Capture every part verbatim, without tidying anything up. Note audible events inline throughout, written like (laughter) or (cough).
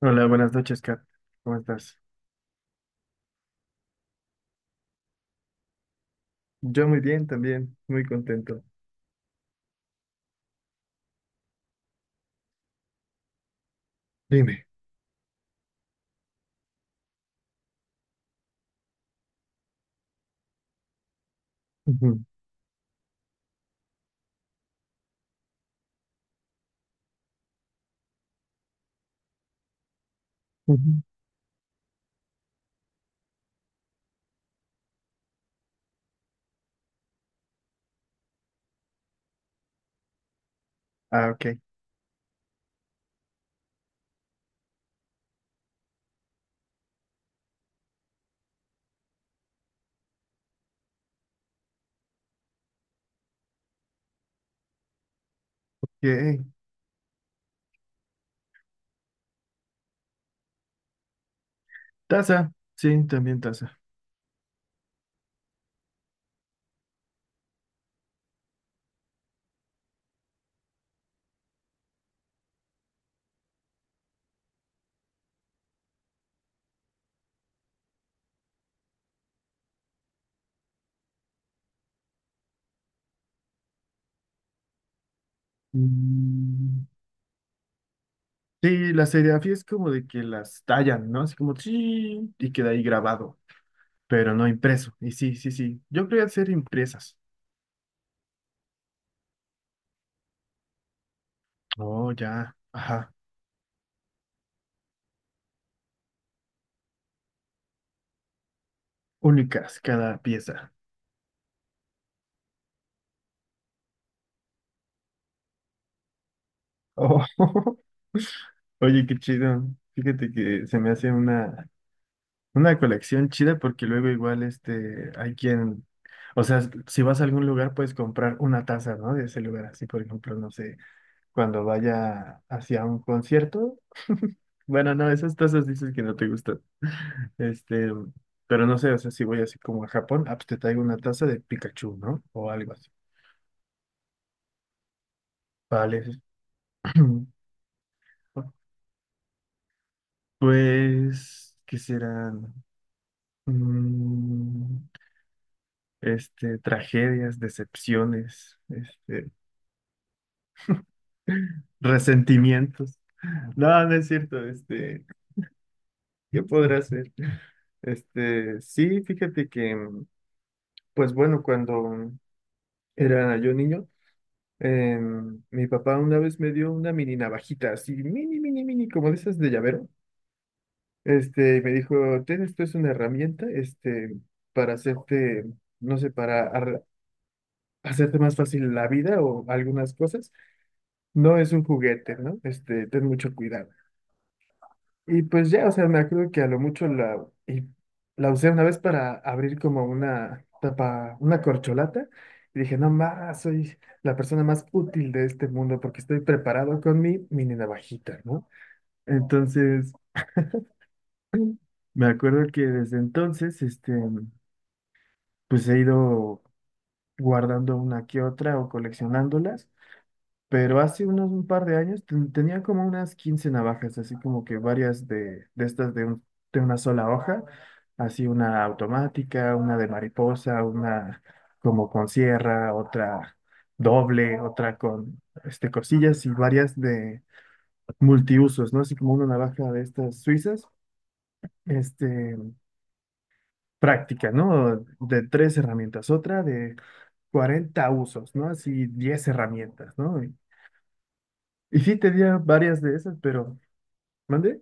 Hola, buenas noches, Kat. ¿Cómo estás? Yo muy bien también, muy contento. Dime. Ujú, ujú. Ah, ok. Eh, Taza. Sí, también taza. Mm, Sí, la serigrafía es como de que las tallan, ¿no? Así como, sí, y queda ahí grabado, pero no impreso. Y sí, sí, sí. Yo quería hacer impresas. Oh, ya. Ajá. Únicas cada pieza. Oh, (laughs) oye, qué chido. Fíjate que se me hace una. Una colección chida porque luego igual este, hay quien, o sea, si vas a algún lugar puedes comprar una taza, ¿no? De ese lugar, así por ejemplo, no sé, cuando vaya hacia un concierto, (laughs) bueno, no, esas tazas dices que no te gustan, (laughs) este, pero no sé, o sea, si voy así como a Japón, ah, pues te traigo una taza de Pikachu, ¿no? O algo así. Vale. (clears throat) Pues, ¿qué serán? Mm, este, tragedias, decepciones, este... Resentimientos. No, no es cierto. Este, ¿qué podrá hacer? Este, sí, fíjate que, pues bueno, cuando era yo niño, eh, mi papá una vez me dio una mini navajita, así, mini, mini, mini, como de esas de llavero. Este, y me dijo, ten, esto es una herramienta, este, para hacerte, no sé, para arre- hacerte más fácil la vida o algunas cosas. No es un juguete, ¿no? Este, ten mucho cuidado. Y pues ya, o sea, me acuerdo que a lo mucho la, y la usé una vez para abrir como una tapa, una corcholata, y dije, no más, soy la persona más útil de este mundo porque estoy preparado con mi mini navajita, ¿no? Entonces, me acuerdo que desde entonces, este, pues he ido guardando una que otra o coleccionándolas. Pero hace unos un par de años ten- tenía como unas quince navajas, así como que varias de, de estas de, un- de una sola hoja, así una automática, una de mariposa, una como con sierra, otra doble, otra con este, cosillas y varias de multiusos, ¿no? Así como una navaja de estas suizas, este, práctica, ¿no? De tres herramientas, otra de cuarenta usos, ¿no? Así diez herramientas, ¿no? Y, y sí tenía varias de esas, pero ¿mande?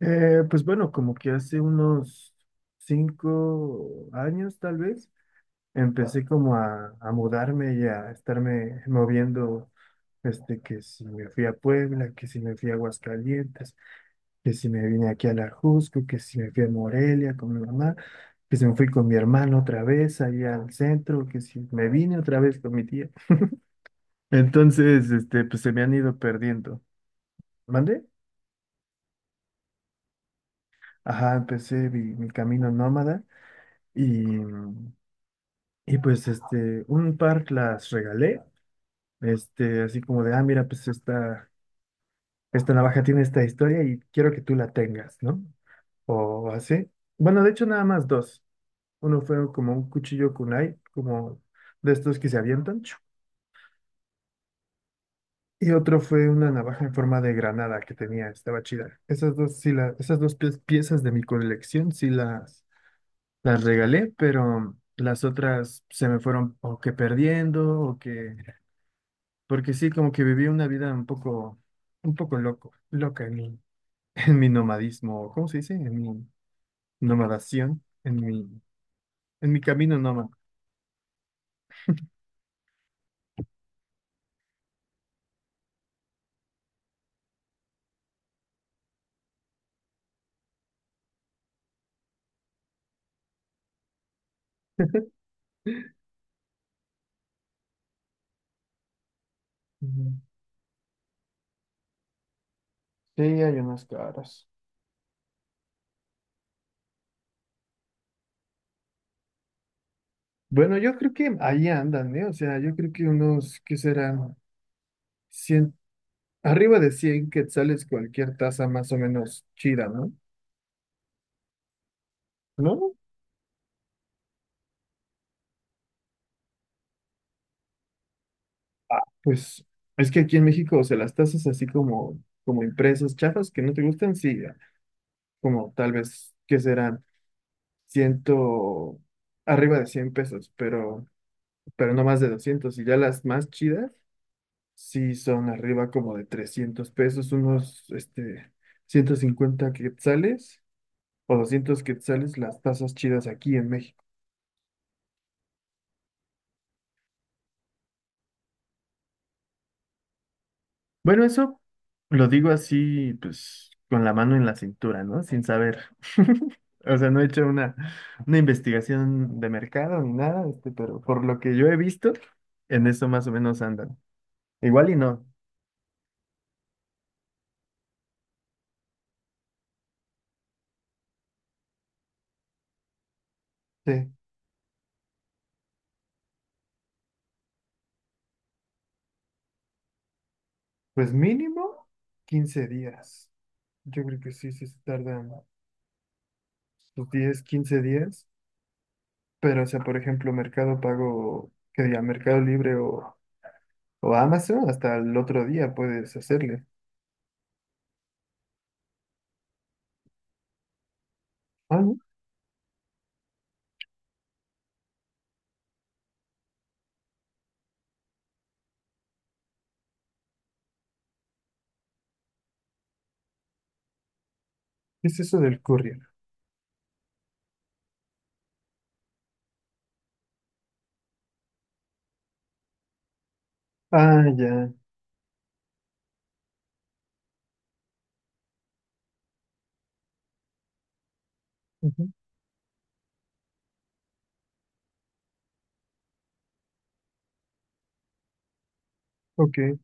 Eh, pues bueno, como que hace unos cinco años tal vez, empecé como a, a mudarme y a estarme moviendo, este, que si me fui a Puebla, que si me fui a Aguascalientes, que si me vine aquí a La Jusco, que si me fui a Morelia con mi mamá, que si me fui con mi hermano otra vez allá al centro, que si me vine otra vez con mi tía. Entonces, este, pues se me han ido perdiendo. ¿Mande? Ajá, empecé mi mi camino nómada. Y, Y pues este, un par las regalé, este, así como de, ah, mira, pues esta, esta navaja tiene esta historia y quiero que tú la tengas, ¿no? O así. Bueno, de hecho nada más dos. Uno fue como un cuchillo kunai, como de estos que se avientan, chu. Y otro fue una navaja en forma de granada que tenía, estaba chida. Esas dos, sí la, esas dos pie- piezas de mi colección sí las, las regalé, pero las otras se me fueron o que perdiendo o que porque sí, como que viví una vida un poco, un poco loco, loca en mi, (laughs) en mi nomadismo, ¿cómo se dice? En mi nomadación, en mi, en mi camino nómada. Ujú. Sí, hay unas caras. Bueno, yo creo que ahí andan, ¿eh? O sea, yo creo que unos, ¿qué serán? Cien arriba de cien quetzales cualquier taza más o menos chida, ¿no? ¿No? Pues es que aquí en México, o sea, las tazas así como, como impresas, chafas que no te gustan, sí, como tal vez, ¿qué serán? ciento, arriba de cien pesos, pero, pero no más de doscientos. Y ya las más chidas, sí son arriba como de trescientos pesos, unos, este, ciento cincuenta quetzales o doscientos quetzales las tazas chidas aquí en México. Bueno, eso lo digo así, pues, con la mano en la cintura, ¿no? Sin saber. O sea, no he hecho una, una investigación de mercado ni nada, este, pero por lo que yo he visto, en eso más o menos andan. Igual y no. Sí. Pues mínimo quince días. Yo creo que sí, sí se tardan los diez quince días. Pero, o sea, por ejemplo, Mercado Pago, que diga Mercado Libre o, o Amazon, hasta el otro día puedes hacerle. Ah, ¿no? ¿Qué es eso del courier? Ah, ya. Ujú. Ok.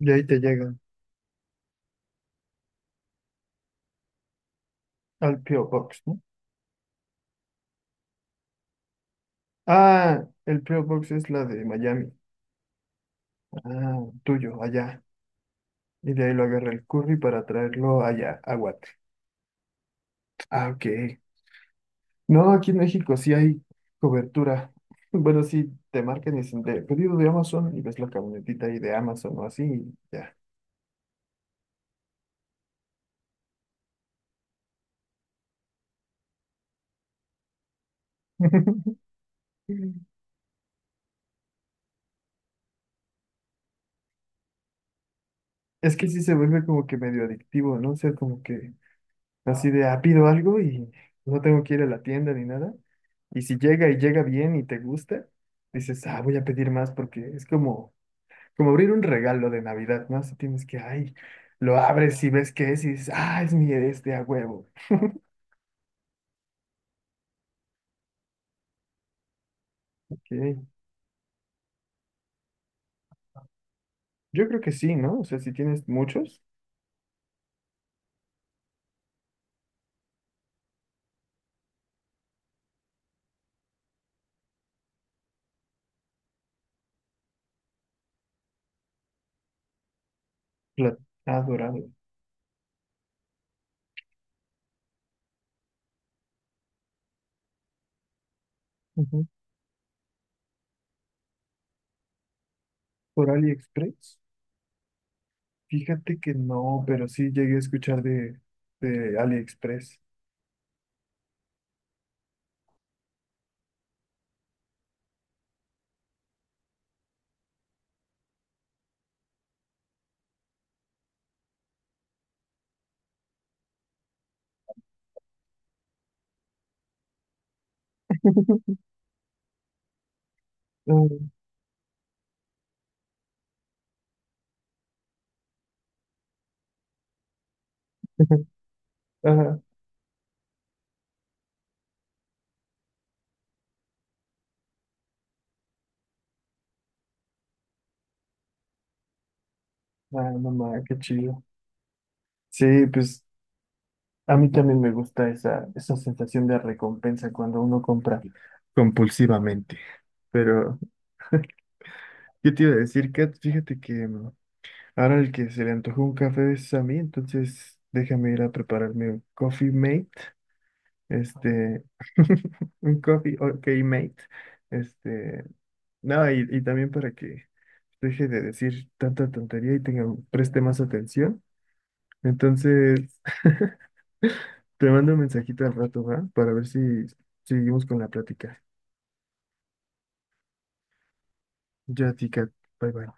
Y ahí te llegan al P O. Box, ¿no? Ah, el P O. Box es la de Miami. Ah, tuyo, allá. Y de ahí lo agarra el curry para traerlo allá, a Guate. Ah, ok. No, aquí en México sí hay cobertura. (laughs) Bueno, sí, te marcan y dicen de pedido de Amazon y ves la camionetita ahí de Amazon o así y ya. (laughs) Es que sí se vuelve como que medio adictivo, ¿no? O sea, como que así de, ah, pido algo y no tengo que ir a la tienda ni nada. Y si llega y llega bien y te gusta, dices, ah, voy a pedir más porque es como, como abrir un regalo de Navidad, ¿no? Así tienes que, ay, lo abres y ves qué es y dices, ah, es mi este a huevo. Ok. Yo creo que sí, ¿no? O sea, si tienes muchos, plat- ah, dorado. Ujú. Por AliExpress. Fíjate que no, pero sí llegué a escuchar de, de AliExpress. Ah, (laughs) ajá. Ah, no ma, qué chido. Sí, pues a mí también me gusta esa, esa sensación de recompensa cuando uno compra compulsivamente. Pero yo te iba a decir, Kat, fíjate que mm, ahora el que se le antojó un café es a mí, entonces déjame ir a prepararme un Coffee Mate. Este, (laughs) un coffee, ok, mate. Este, no, y, y también para que deje de decir tanta tontería y tenga, preste más atención. Entonces, te mando un mensajito al rato, ¿va? Para ver si si seguimos con la plática. Ya, tica, bye bye.